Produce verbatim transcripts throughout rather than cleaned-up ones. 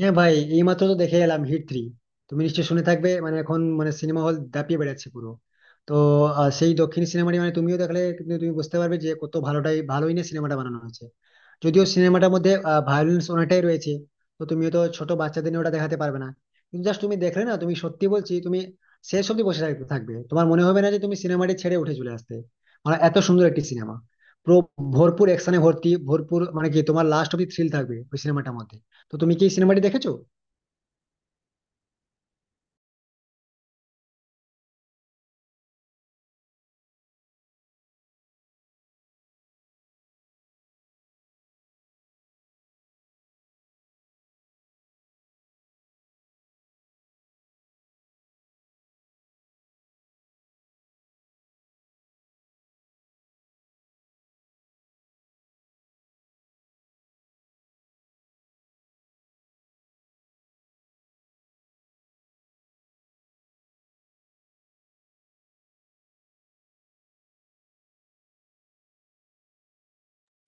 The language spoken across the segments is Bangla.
হ্যাঁ ভাই, এইমাত্র তো দেখে এলাম হিট থ্রি। তুমি নিশ্চয়ই শুনে থাকবে, মানে এখন মানে সিনেমা হল দাপিয়ে বেড়াচ্ছে পুরো। তো আহ, সেই দক্ষিণ সিনেমাটি, মানে তুমিও দেখলে কিন্তু তুমি বুঝতে পারবে যে কত ভালোটাই ভালোই না সিনেমাটা বানানো হয়েছে। যদিও সিনেমাটার মধ্যে ভায়োলেন্স অনেকটাই রয়েছে, তো তুমি তো ছোট বাচ্চাদের নিয়ে ওটা দেখাতে পারবে না। কিন্তু জাস্ট তুমি দেখলে না, তুমি সত্যি বলছি, তুমি শেষ অব্দি বসে থাকতে থাকবে, তোমার মনে হবে না যে তুমি সিনেমাটি ছেড়ে উঠে চলে আসতে। মানে এত সুন্দর একটি সিনেমা, পুরো ভরপুর অ্যাকশনে ভর্তি ভরপুর, মানে কি তোমার লাস্ট অব্দি থ্রিল থাকবে ওই সিনেমাটার মধ্যে। তো তুমি কি সিনেমাটি দেখেছো?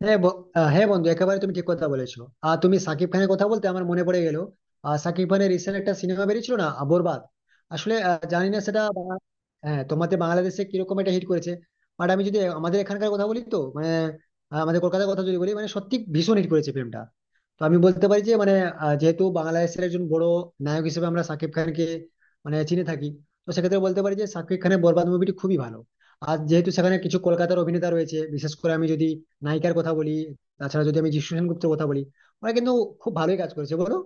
হ্যাঁ ব- আহ, হ্যাঁ বন্ধু, একেবারে তুমি ঠিক কথা বলেছো। আর তুমি সাকিব খানের কথা বলতে আমার মনে পড়ে গেল, সাকিব খানের রিসেন্ট একটা সিনেমা বেরিয়েছিল না আহ, বরবাদ। আসলে আহ, জানি না সেটা বাংলা- হ্যাঁ, তোমাদের বাংলাদেশে কিরকম এটা হিট করেছে, বাট আমি যদি আমাদের এখানকার কথা বলি তো মানে আহ, আমাদের কলকাতার কথা যদি বলি, মানে সত্যি ভীষণ হিট করেছে ফিল্মটা। তো আমি বলতে পারি যে মানে আহ, যেহেতু বাংলাদেশের একজন বড় নায়ক হিসেবে আমরা সাকিব খানকে মানে চিনে থাকি, তো সেক্ষেত্রে বলতে পারি যে সাকিব খানের বরবাদ মুভিটি খুবই ভালো। আর যেহেতু সেখানে কিছু কলকাতার অভিনেতা রয়েছে, বিশেষ করে আমি যদি নায়িকার কথা বলি, তাছাড়া যদি আমি যিশু সেনগুপ্তের কথা বলি, ওরা কিন্তু খুব ভালোই কাজ করেছে, বলো।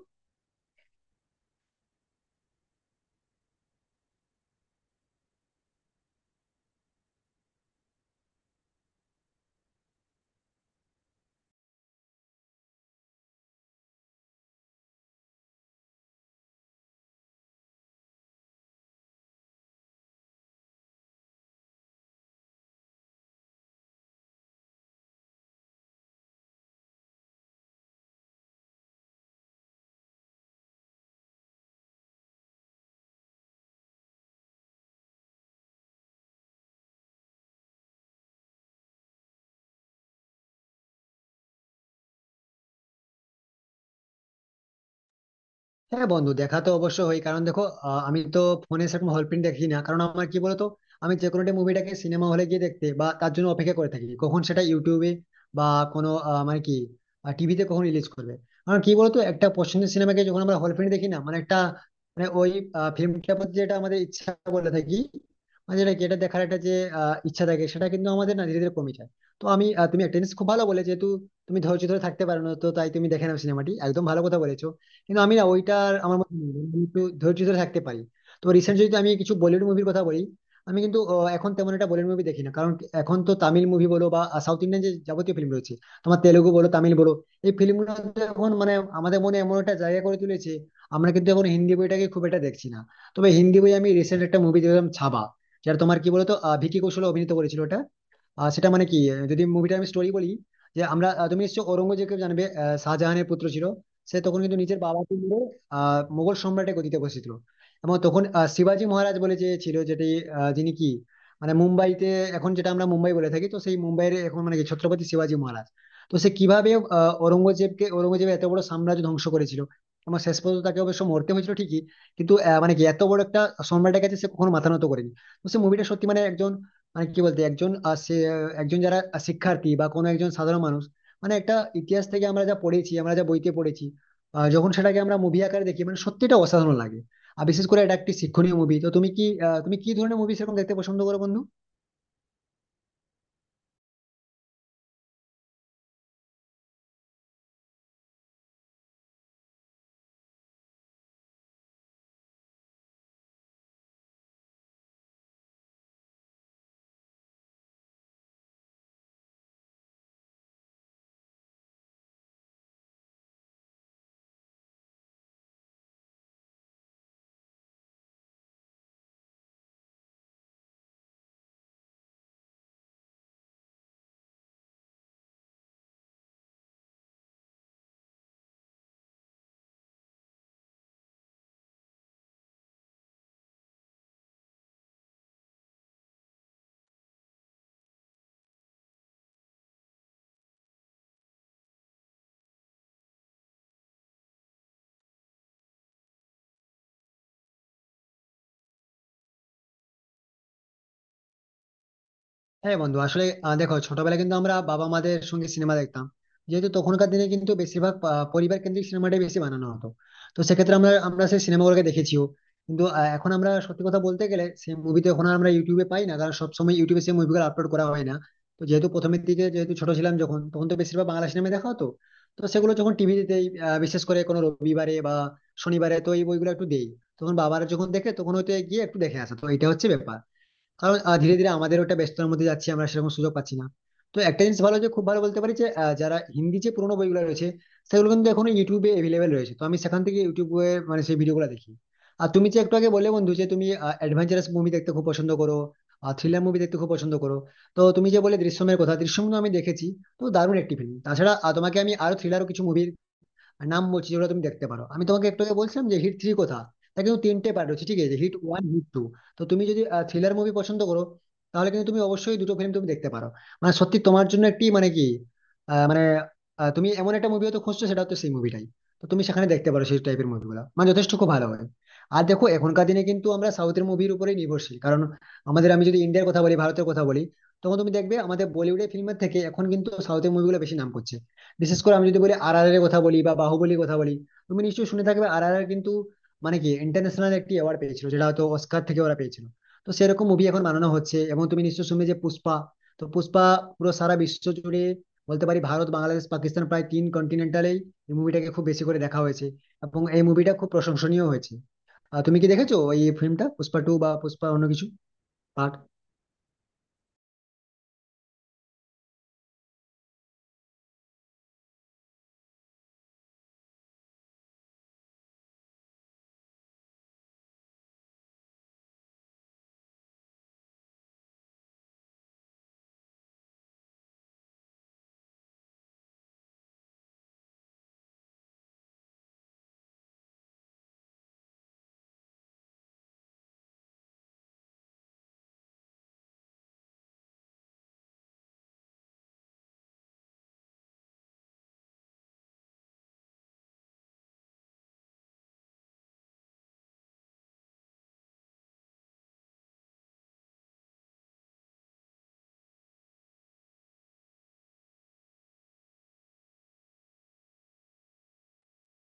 হ্যাঁ বন্ধু, দেখা তো অবশ্য হয়, কারণ দেখো আহ, আমি তো ফোনে সেরকম হল প্রিন্ট দেখি না, কারণ আমার কি বলতো, আমি যে কোনো মুভিটাকে সিনেমা হলে গিয়ে দেখতে বা তার জন্য অপেক্ষা করে থাকি, কখন সেটা ইউটিউবে বা কোনো আহ, মানে কি টিভিতে কখন রিলিজ করবে। কারণ কি বলতো, একটা পছন্দের সিনেমাকে যখন আমরা হল প্রিন্ট দেখি না, মানে একটা মানে ওই ফিল্মটার প্রতি যেটা আমাদের ইচ্ছা বলে থাকি, মানে যেটা কি এটা দেখার একটা যে আহ, ইচ্ছা থাকে সেটা কিন্তু আমাদের না ধীরে ধীরে কমে যায়। তো আমি আহ, তুমি একটা জিনিস খুব ভালো বলে, যেহেতু তুমি ধৈর্য ধরে থাকতে পারো না তো তাই তুমি দেখে নাও সিনেমাটি, একদম ভালো কথা বলেছো। কিন্তু আমি না ওইটা আমার মধ্যে নেই। আমি একটু ধৈর্য ধরে থাকতে পারি। তো রিসেন্ট যদি আমি কিছু বলিউড মুভির কথা বলি, আমি কিন্তু আহ, এখন তেমন একটা বলিউড মুভি দেখি না, কারণ এখন তো তামিল মুভি বলো বা সাউথ ইন্ডিয়ান যে যাবতীয় ফিল্ম রয়েছে, তোমার তেলুগু বলো তামিল বলো, এই ফিল্মগুলো এখন মানে আমাদের মনে এমন একটা জায়গা করে তুলেছে, আমরা কিন্তু এখন হিন্দি বইটাকে খুব একটা দেখছি না। তবে হিন্দি বই আমি রিসেন্ট একটা মুভি দেখলাম, ছাবা, যেটা তোমার কি বলতো আহ, ভিকি কৌশল অভিনীত করেছিল ওটা। আহ, সেটা মানে কি, আহ, যদি মুভিটা আমি স্টোরি বলি, যে আমরা আহ, তুমি নিশ্চয়ই ঔরঙ্গজেবকে জানবে, আহ, শাহজাহানের পুত্র ছিল। সে তখন কিন্তু নিজের বাবাকে মেরে আহ মোগল সম্রাটের গদিতে বসেছিল। এবং তখন আহ, শিবাজি মহারাজ বলে যে ছিল যেটি, আহ, যিনি কি, মানে মুম্বাইতে, এখন যেটা আমরা মুম্বাই বলে থাকি, তো সেই মুম্বাইয়ের এখন মানে কি ছত্রপতি শিবাজি মহারাজ। তো সে কিভাবে আহ, ঔরঙ্গজেবকে, ঔরঙ্গজেব এত বড় সাম্রাজ্য ধ্বংস করেছিল, এবং শেষ পর্যন্ত তাকে অবশ্য মরতে হয়েছিল ঠিকই, কিন্তু আহ, মানে কি এত বড় একটা সম্রাটের কাছে সে কখনো মাথা নত করেনি। তো সে মুভিটা সত্যি, মানে একজন, মানে কি বলতে একজন আহ, সে একজন, যারা শিক্ষার্থী বা কোনো একজন সাধারণ মানুষ, মানে একটা ইতিহাস থেকে আমরা যা পড়েছি, আমরা যা বইতে পড়েছি, আহ, যখন সেটাকে আমরা মুভি আকারে দেখি, মানে সত্যিটা অসাধারণ লাগে। আর বিশেষ করে এটা একটি শিক্ষণীয় মুভি। তো তুমি কি আহ, তুমি কি ধরনের মুভি সেরকম দেখতে পছন্দ করো বন্ধু? হ্যাঁ বন্ধু, আসলে আহ, দেখো ছোটবেলায় কিন্তু আমরা বাবা মাদের সঙ্গে সিনেমা দেখতাম, যেহেতু তখনকার দিনে কিন্তু বেশিরভাগ আহ, পরিবার কেন্দ্রিক সিনেমাটাই বেশি বানানো হতো। তো সেক্ষেত্রে আমরা আমরা সেই সিনেমাগুলোকে দেখেছিও, কিন্তু আহ, এখন আমরা সত্যি কথা বলতে গেলে সেই মুভি তো এখন আর আমরা ইউটিউবে পাই না, কারণ সবসময় ইউটিউবে সেই মুভিগুলো আপলোড করা হয় না। তো যেহেতু প্রথমের দিকে যেহেতু ছোট ছিলাম, যখন তখন তো বেশিরভাগ বাংলা সিনেমা দেখা হতো। তো সেগুলো যখন টিভিতে, বিশেষ করে কোনো রবিবারে বা শনিবারে, তো এই বইগুলো একটু দেই, তখন বাবারা যখন দেখে তখন হয়তো গিয়ে একটু দেখে আসে, তো এটা হচ্ছে ব্যাপার। কারণ আহ, ধীরে ধীরে আমাদের ওটা ব্যস্ততার মধ্যে যাচ্ছি, আমরা সেরকম সুযোগ পাচ্ছি না। তো একটা জিনিস ভালো, যে খুব ভালো বলতে পারি যে আহ, যারা হিন্দি যে পুরোনো বইগুলো রয়েছে, সেগুলো কিন্তু এখনো ইউটিউবে অ্যাভেলেবেল রয়েছে। তো আমি সেখান থেকে ইউটিউবে মানে সেই ভিডিওগুলো দেখি। আর তুমি যে একটু আগে বলে বন্ধু যে তুমি অ্যাডভেঞ্চারাস মুভি দেখতে খুব পছন্দ করো, আর থ্রিলার মুভি দেখতে খুব পছন্দ করো। তো তুমি যে বলে দৃশ্যমের কথা, দৃশ্যম আমি দেখেছি, তো দারুণ একটি ফিল্ম। তাছাড়া আহ, তোমাকে আমি আরো থ্রিলারও কিছু মুভি নাম বলছি, যেগুলো তুমি দেখতে পারো। আমি তোমাকে একটু আগে বলছিলাম যে হিট থ্রি কথা, তা কিন্তু তিনটে পার্ট রয়েছে, ঠিক আছে, হিট ওয়ান, হিট টু। তো তুমি যদি থ্রিলার মুভি পছন্দ করো, তাহলে কিন্তু তুমি অবশ্যই দুটো ফিল্ম তুমি দেখতে পারো, মানে সত্যি তোমার জন্য একটি, মানে কি আহ, মানে আহ, তুমি এমন একটা মুভি হয়তো খুঁজছো, সেটা হচ্ছে সেই মুভিটাই। তো তুমি সেখানে দেখতে পারো সেই টাইপের মুভিগুলো, মানে যথেষ্ট খুব ভালো হয়। আর দেখো এখনকার দিনে কিন্তু আমরা সাউথের মুভির উপরেই নির্ভরশীল, কারণ আমাদের, আমি যদি ইন্ডিয়ার কথা বলি ভারতের কথা বলি, তখন তুমি দেখবে আমাদের বলিউডের ফিল্মের থেকে এখন কিন্তু সাউথের মুভিগুলো বেশি নাম করছে। বিশেষ করে আমি যদি বলি আর আর এর কথা বলি বা বাহুবলীর কথা বলি, তুমি নিশ্চয়ই শুনে থাকবে আর আর আর কিন্তু মানে কি ইন্টারন্যাশনাল একটি অ্যাওয়ার্ড পেয়েছিল, যেটা হয়তো অস্কার থেকে ওরা পেয়েছিল। তো সেরকম মুভি এখন বানানো হচ্ছে, এবং তুমি নিশ্চয়ই শুনবে যে পুষ্পা। তো পুষ্পা পুরো সারা বিশ্ব জুড়ে, বলতে পারি ভারত, বাংলাদেশ, পাকিস্তান প্রায় তিন কন্টিনেন্টালেই এই মুভিটাকে খুব বেশি করে দেখা হয়েছে, এবং এই মুভিটা খুব প্রশংসনীয় হয়েছে। আহ, তুমি কি দেখেছো এই ফিল্মটা, পুষ্পা টু বা পুষ্পা অন্য কিছু পার্ট?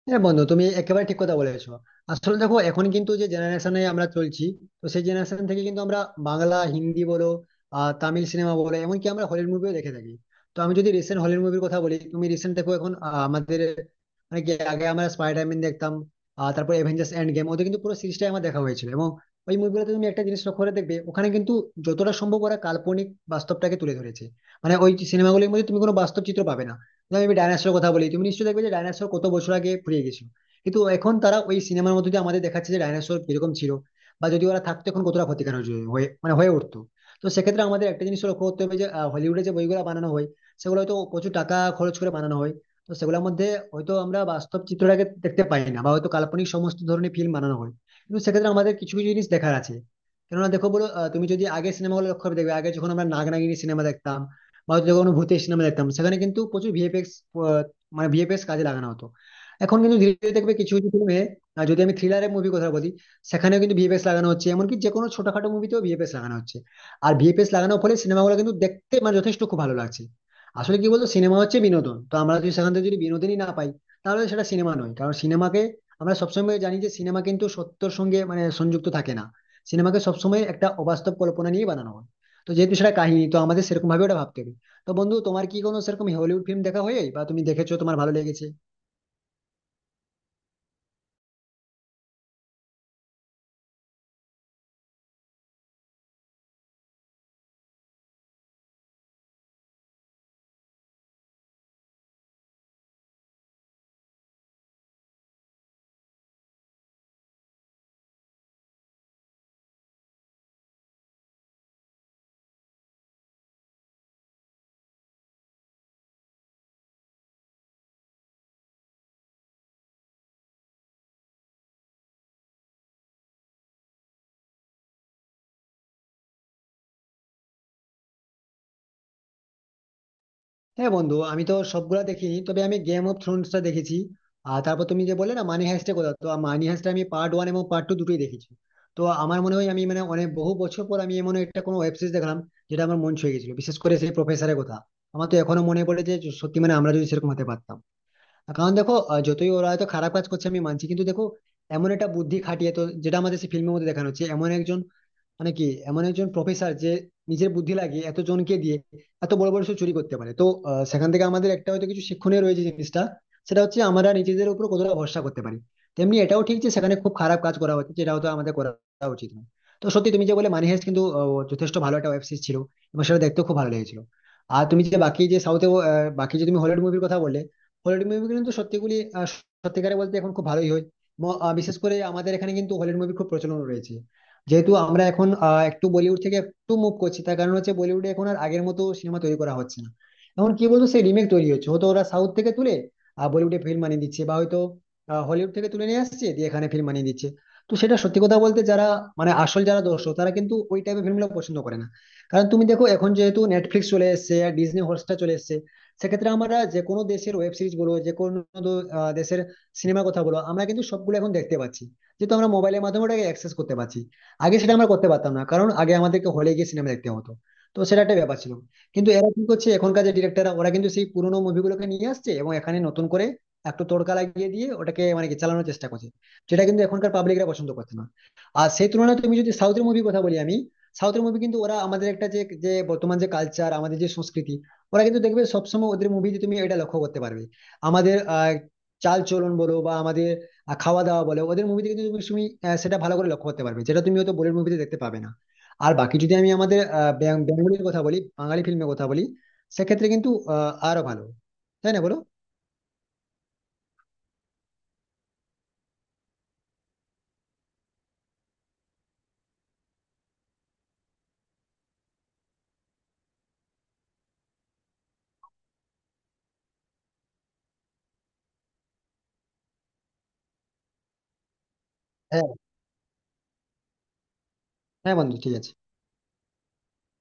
হ্যাঁ বন্ধু, তুমি একেবারে ঠিক কথা বলেছো। আসলে দেখো এখন কিন্তু যে জেনারেশনে আমরা চলছি, তো সেই জেনারেশন থেকে কিন্তু আমরা বাংলা হিন্দি বলো, আহ তামিল সিনেমা বলো, এমনকি আমরা হলিউড মুভিও দেখে থাকি। তো আমি যদি রিসেন্ট হলিউড মুভির কথা বলি, তুমি রিসেন্ট দেখো এখন আহ, আমাদের, মানে কি আগে আমরা স্পাইডারম্যান দেখতাম, আহ তারপর অ্যাভেঞ্জার্স এন্ড গেম, ওদের কিন্তু পুরো সিরিজটাই আমার দেখা হয়েছিল। এবং ওই মুভিগুলোতে তুমি একটা জিনিস লক্ষ্য করে দেখবে, ওখানে কিন্তু যতটা সম্ভব ওরা কাল্পনিক বাস্তবটাকে তুলে ধরেছে, মানে ওই সিনেমাগুলির মধ্যে তুমি কোনো বাস্তব চিত্র পাবে না। যেমন আমি ডাইনোসরের কথা বলি, তুমি নিশ্চয়ই দেখবে যে ডাইনোসর কত বছর আগে ফুরিয়ে গেছিল, কিন্তু এখন তারা ওই সিনেমার মধ্যে দিয়ে আমাদের দেখাচ্ছে যে ডাইনোসর কিরকম ছিল বা যদি ওরা থাকতো এখন কতটা ক্ষতিকারক হয়ে হয়ে- মানে হয়ে উঠতো। তো সেক্ষেত্রে আমাদের একটা জিনিস লক্ষ্য করতে হবে যে আহ, হলিউডে যে বইগুলো বানানো হয়, সেগুলো হয়তো প্রচুর টাকা খরচ করে বানানো হয়। তো সেগুলোর মধ্যে হয়তো আমরা বাস্তব চিত্রটাকে দেখতে পাই না, বা হয়তো কাল্পনিক সমস্ত ধরনের ফিল্ম বানানো হয়। কিন্তু সেক্ষেত্রে আমাদের কিছু কিছু জিনিস দেখার আছে। কেননা দেখো বলো আহ, তুমি যদি আগে সিনেমাগুলো লক্ষ্য করে দেখবে, আগে যখন আমরা নাগ নাগিনী সিনেমা দেখতাম বা হয়তো কোনো ভূতের সিনেমা দেখতাম, সেখানে কিন্তু প্রচুর ভিএফএক্স, মানে ভিএফএক্স কাজে লাগানো হতো। এখন কিন্তু ধীরে ধীরে দেখবে কিছু কিছু ফিল্মে, যদি আমি থ্রিলারের মুভি কথা বলি, সেখানেও কিন্তু ভিএফএক্স লাগানো হচ্ছে, এমনকি যে কোনো ছোটখাটো মুভিতেও ভিএফএক্স লাগানো হচ্ছে। আর ভিএফএক্স লাগানোর ফলে সিনেমাগুলো কিন্তু দেখতে মানে যথেষ্ট খুব ভালো লাগছে। আসলে কি বলতো, সিনেমা হচ্ছে বিনোদন, তো আমরা যদি সেখান থেকে যদি বিনোদনই না পাই, তাহলে সেটা সিনেমা নয়। কারণ সিনেমাকে আমরা সবসময় জানি যে সিনেমা কিন্তু সত্যর সঙ্গে মানে সংযুক্ত থাকে না, সিনেমাকে সবসময় একটা অবাস্তব কল্পনা নিয়ে বানানো হয়। তো যেহেতু সেটা কাহিনী, তো আমাদের সেরকম ভাবে ওটা ভাবতে হবে। তো বন্ধু, তোমার কি কোনো সেরকম হলিউড ফিল্ম দেখা হয় বা তুমি দেখেছো, তোমার ভালো লেগেছে? হ্যাঁ বন্ধু, আমি তো সবগুলা দেখিনি, তবে আমি গেম অফ থ্রোনসটা দেখেছি। আর তারপর তুমি যে বললে না মানি হাইস্টের কথা, তো মানি হাইস্টটা আমি পার্ট ওয়ান এবং পার্ট টু দুটোই দেখেছি। তো আমার মনে হয় আমি মানে অনেক বহু বছর পর আমি এমন একটা কোনো ওয়েব সিরিজ দেখলাম যেটা আমার মন ছুঁয়ে গেছিল, বিশেষ করে সেই প্রফেসরের কথা আমার তো এখনো মনে পড়ে, যে সত্যি, মানে আমরা যদি সেরকম হতে পারতাম। কারণ দেখো আহ, যতই ওরা হয়তো খারাপ কাজ করছে আমি মানছি, কিন্তু দেখো এমন একটা বুদ্ধি খাটিয়ে, তো যেটা আমাদের সেই ফিল্মের মধ্যে দেখানো হচ্ছে, এমন একজন, মানে কি, এমন একজন প্রফেসর যে নিজের বুদ্ধি লাগিয়ে এত জনকে দিয়ে এত বড় বড় সে চুরি করতে পারে। তো আহ, সেখান থেকে আমাদের একটা হয়তো কিছু শিক্ষণীয় রয়েছে জিনিসটা, সেটা হচ্ছে আমরা নিজেদের উপর কতটা ভরসা করতে পারি। তেমনি এটাও ঠিক যে সেখানে খুব খারাপ কাজ করা হচ্ছে, যেটা হয়তো আমাদের করা উচিত না। তো সত্যি তুমি যে বলে মানি হাইস্ট কিন্তু আহ, যথেষ্ট ভালো একটা ওয়েব সিরিজ ছিল, এবং সেটা দেখতেও খুব ভালো লেগেছিল। আর তুমি যে বাকি যে সাউথে, বাকি যে তুমি হলিউড মুভির কথা বললে, হলিউড মুভি কিন্তু সত্যিগুলি আহ, সত্যিকারে বলতে এখন খুব ভালোই হয়। এবং, আহ, বিশেষ করে আমাদের এখানে কিন্তু হলিউড মুভি খুব প্রচলন রয়েছে, যেহেতু আমরা এখন আহ, একটু বলিউড থেকে একটু মুভ করছি, তার কারণ হচ্ছে বলিউডে এখন আর আগের মতো সিনেমা তৈরি করা হচ্ছে না। এখন কি বলতো, সেই রিমেক তৈরি হচ্ছে, হয়তো ওরা সাউথ থেকে তুলে আহ, বলিউডে ফিল্ম বানিয়ে দিচ্ছে, বা হয়তো হলিউড থেকে তুলে নিয়ে আসছে দিয়ে এখানে ফিল্ম বানিয়ে দিচ্ছে। তো সেটা সত্যি কথা বলতে, যারা মানে আসল যারা দর্শক তারা কিন্তু ওই টাইপের ফিল্মগুলো পছন্দ করে না। কারণ তুমি দেখো এখন যেহেতু নেটফ্লিক্স চলে এসেছে আর ডিজনি হটস্টার চলে এসেছে, সেক্ষেত্রে আমরা যে কোনো দেশের ওয়েব সিরিজ বলো, যে কোনো দ- আহ, দেশের সিনেমার কথা বলো, আমরা কিন্তু সবগুলো এখন দেখতে পাচ্ছি, যেহেতু আমরা মোবাইলের মাধ্যমে ওটাকে অ্যাক্সেস করতে পারছি। আগে সেটা আমরা করতে পারতাম না, কারণ আগে আমাদেরকে হলে গিয়ে সিনেমা দেখতে হতো, তো সেটা একটা ব্যাপার ছিল। কিন্তু এরা কি করছে এখনকার যে ডিরেক্টররা, ওরা কিন্তু সেই পুরোনো মুভিগুলোকে নিয়ে আসছে এবং এখানে নতুন করে একটু তড়কা লাগিয়ে দিয়ে ওটাকে মানে কি চালানোর চেষ্টা করছে, যেটা কিন্তু এখনকার পাবলিকরা পছন্দ করছে না। আর সেই তুলনায় তুমি যদি সাউথের মুভি কথা বলি আমি, সাউথের মুভি কিন্তু ওরা আমাদের একটা যে, যে বর্তমান যে কালচার আমাদের যে সংস্কৃতি, ওরা কিন্তু দেখবে সবসময় ওদের মুভিতে, তুমি এটা লক্ষ্য করতে পারবে আমাদের আহ চাল চলন বলো বা আমাদের আর খাওয়া দাওয়া বলো, ওদের মুভিতে কিন্তু তুমি তুমি, আহ, সেটা ভালো করে লক্ষ্য করতে পারবে, যেটা তুমি হয়তো বলিউড মুভিতে দেখতে পাবে না। আর বাকি যদি আমি আমাদের আহ, ব্যাং- বেঙ্গলির কথা বলি, বাঙালি ফিল্মের কথা বলি, সেক্ষেত্রে কিন্তু আহ, আরো ভালো, তাই না বলো? হ্যাঁ হ্যাঁ বন্ধু, ঠিক আছে।